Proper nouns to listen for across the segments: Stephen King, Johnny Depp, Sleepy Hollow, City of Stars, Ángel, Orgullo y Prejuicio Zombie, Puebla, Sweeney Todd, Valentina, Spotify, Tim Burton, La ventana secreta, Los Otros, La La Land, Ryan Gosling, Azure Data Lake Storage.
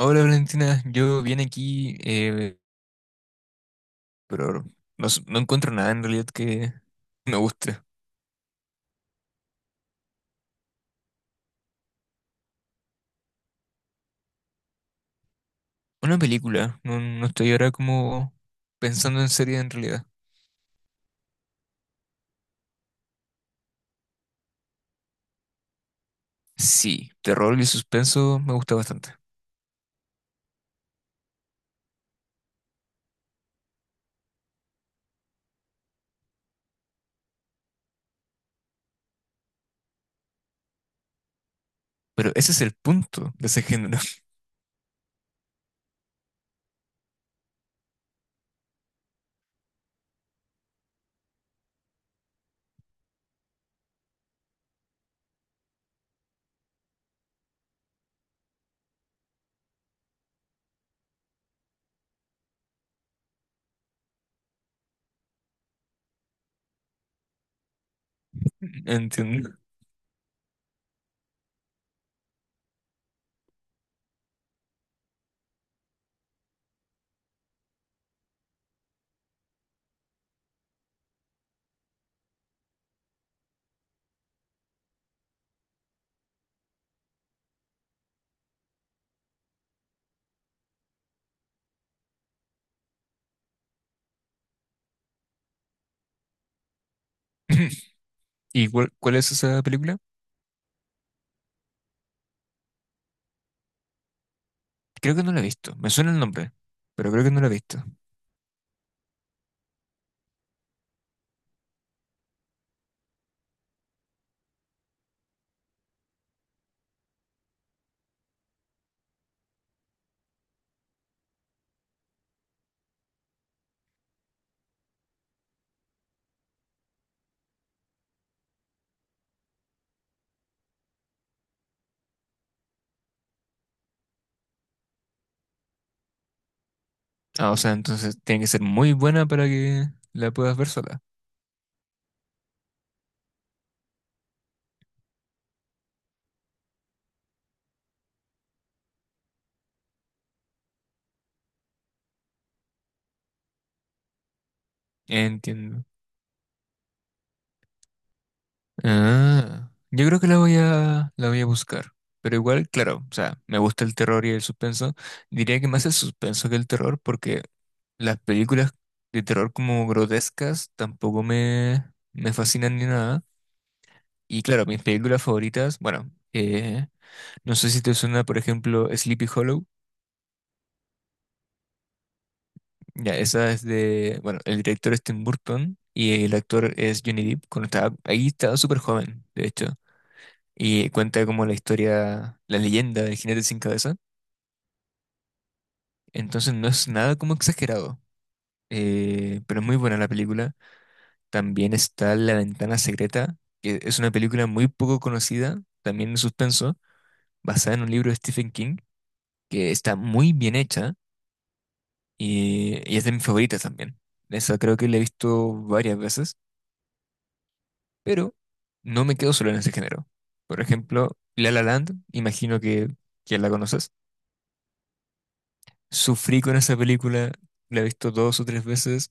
Hola Valentina, yo vine aquí, pero no, no encuentro nada en realidad que me guste. Una película, no, no estoy ahora como pensando en serie en realidad. Sí, terror y suspenso me gusta bastante, pero ese es el punto de ese género. Entiendo. ¿Y cuál es esa película? Creo que no la he visto, me suena el nombre, pero creo que no la he visto. Ah, o sea, entonces tiene que ser muy buena para que la puedas ver sola. Entiendo. Ah, yo creo que la voy a buscar. Pero igual, claro, o sea, me gusta el terror y el suspenso. Diría que más el suspenso que el terror, porque las películas de terror como grotescas tampoco me fascinan ni nada. Y claro, mis películas favoritas, bueno, no sé si te suena, por ejemplo, Sleepy Hollow. Ya, esa es de, bueno, el director es Tim Burton y el actor es Johnny Depp. Cuando estaba, ahí estaba súper joven, de hecho. Y cuenta como la historia, la leyenda del jinete sin cabeza. Entonces no es nada como exagerado, pero es muy buena la película. También está La ventana secreta, que es una película muy poco conocida, también de suspenso, basada en un libro de Stephen King, que está muy bien hecha y es de mis favoritas también. Esa creo que la he visto varias veces, pero no me quedo solo en ese género. Por ejemplo, La La Land, imagino que la conoces. Sufrí con esa película, la he visto dos o tres veces.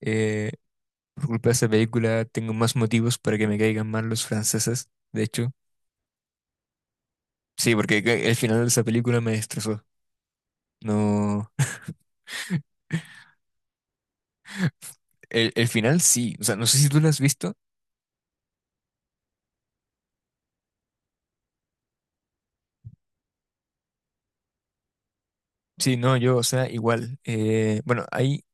eh, por culpa de esa película tengo más motivos para que me caigan mal los franceses, de hecho. Sí, porque el final de esa película me destrozó. No, el final sí, o sea, no sé si tú la has visto. Sí, no, yo, o sea, igual. Bueno, hay,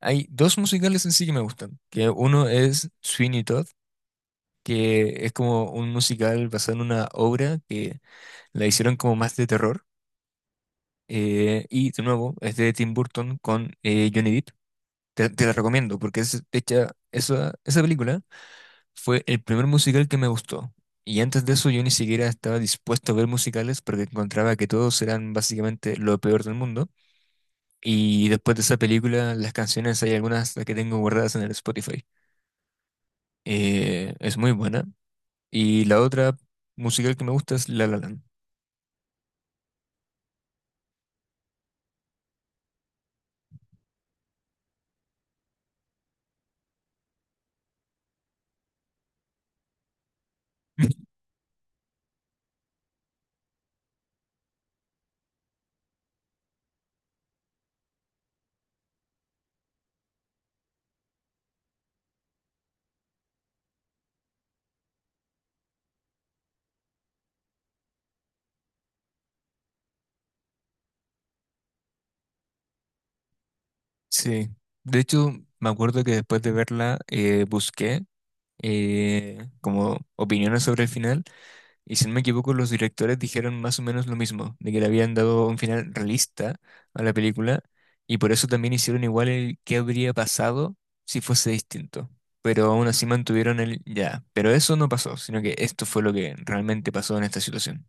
hay dos musicales en sí que me gustan, que uno es Sweeney Todd, que es como un musical basado en una obra que la hicieron como más de terror. Y de nuevo, es de Tim Burton con Johnny Depp. Te la recomiendo porque es, de hecho, esa película fue el primer musical que me gustó. Y antes de eso yo ni siquiera estaba dispuesto a ver musicales porque encontraba que todos eran básicamente lo peor del mundo. Y después de esa película, las canciones, hay algunas que tengo guardadas en el Spotify. Es muy buena. Y la otra musical que me gusta es La La Land. Sí, de hecho me acuerdo que después de verla busqué como opiniones sobre el final, y si no me equivoco, los directores dijeron más o menos lo mismo, de que le habían dado un final realista a la película, y por eso también hicieron igual el qué habría pasado si fuese distinto. Pero aún así mantuvieron el ya. Pero eso no pasó, sino que esto fue lo que realmente pasó en esta situación.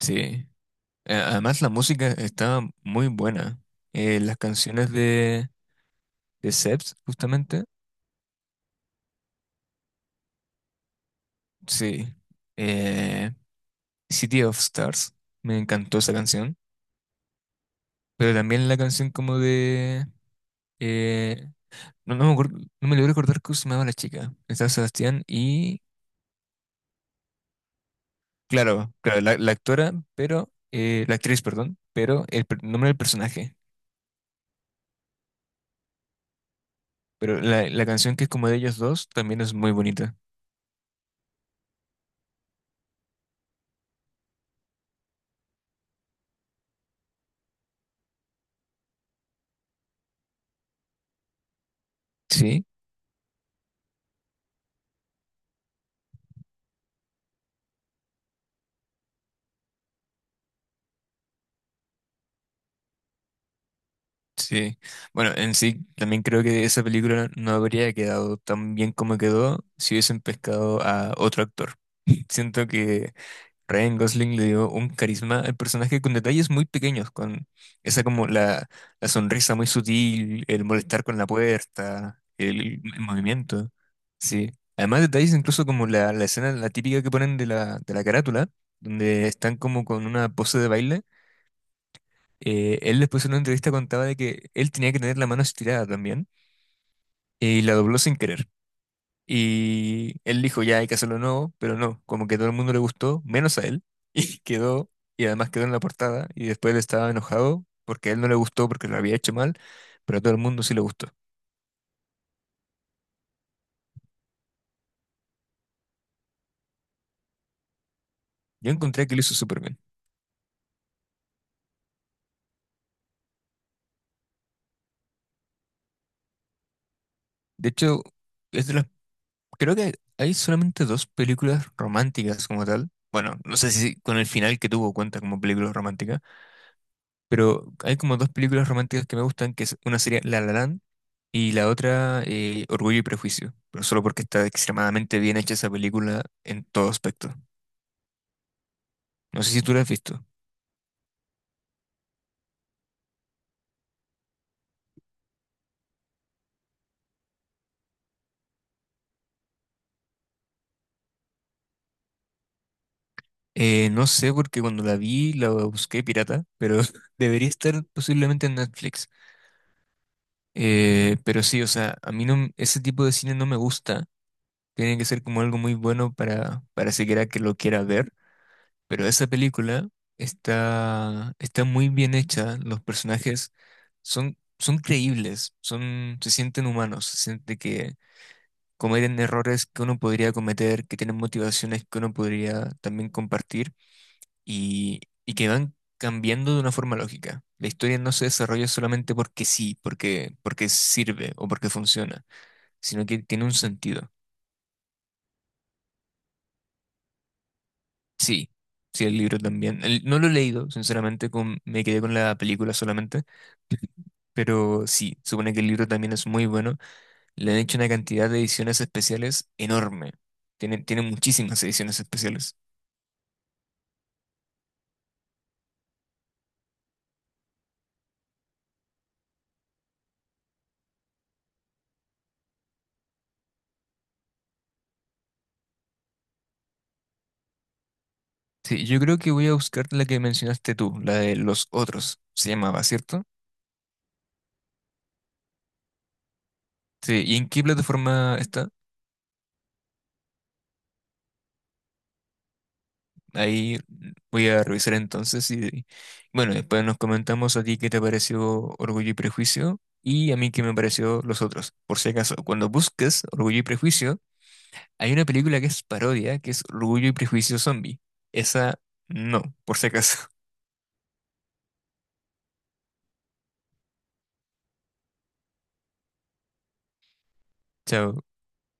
Sí. Además, la música estaba muy buena. Las canciones de Seps, justamente, sí. Eh, City of Stars, me encantó esa canción, pero también la canción como de... eh, no, no me acuerdo, no me logro recordar cómo se llamaba la chica, estaba Sebastián y... Claro, claro, la actora, pero... la actriz, perdón, pero el nombre del personaje. Pero la canción que es como de ellos dos también es muy bonita. Sí, sí. Bueno, en sí, también creo que esa película no habría quedado tan bien como quedó si hubiesen pescado a otro actor. Siento que Ryan Gosling le dio un carisma al personaje con detalles muy pequeños, con esa como la sonrisa muy sutil, el molestar con la puerta, el movimiento. Sí. Además, detalles incluso como la escena, la típica que ponen de de la carátula, donde están como con una pose de baile. Él después en una entrevista contaba de que él tenía que tener la mano estirada también, y la dobló sin querer. Y él dijo, ya hay que hacerlo nuevo, pero no, como que todo el mundo le gustó, menos a él, y quedó, y además quedó en la portada, y después él estaba enojado porque a él no le gustó porque lo había hecho mal, pero a todo el mundo sí le gustó. Yo encontré que lo hizo súper bien. De hecho, es de las, creo que hay solamente dos películas románticas como tal. Bueno, no sé si con el final que tuvo cuenta como película romántica, pero hay como dos películas románticas que me gustan, que es una sería La La Land y la otra Orgullo y Prejuicio, pero solo porque está extremadamente bien hecha esa película en todo aspecto. No sé si tú la has visto. No sé porque cuando la vi la busqué pirata, pero debería estar posiblemente en Netflix. Pero sí, o sea, a mí no, ese tipo de cine no me gusta. Tiene que ser como algo muy bueno para siquiera que lo quiera ver. Pero esa película está muy bien hecha. Los personajes son creíbles, son, se sienten humanos, se siente que cometen errores que uno podría cometer, que tienen motivaciones que uno podría también compartir y, y que van cambiando de una forma lógica. La historia no se desarrolla solamente porque sí, porque sirve o porque funciona, sino que tiene un sentido. Sí, sí, el libro también. No lo he leído, sinceramente, me quedé con la película solamente. Pero sí, supone que el libro también es muy bueno. Le han hecho una cantidad de ediciones especiales enorme. Tiene muchísimas ediciones especiales. Sí, yo creo que voy a buscar la que mencionaste tú, la de Los Otros, se llamaba, ¿cierto? Sí, ¿y en qué plataforma está? Ahí voy a revisar entonces y bueno, después nos comentamos a ti qué te pareció Orgullo y Prejuicio y a mí qué me pareció los otros. Por si acaso, cuando busques Orgullo y Prejuicio, hay una película que es parodia, que es Orgullo y Prejuicio Zombie. Esa no, por si acaso. Chao.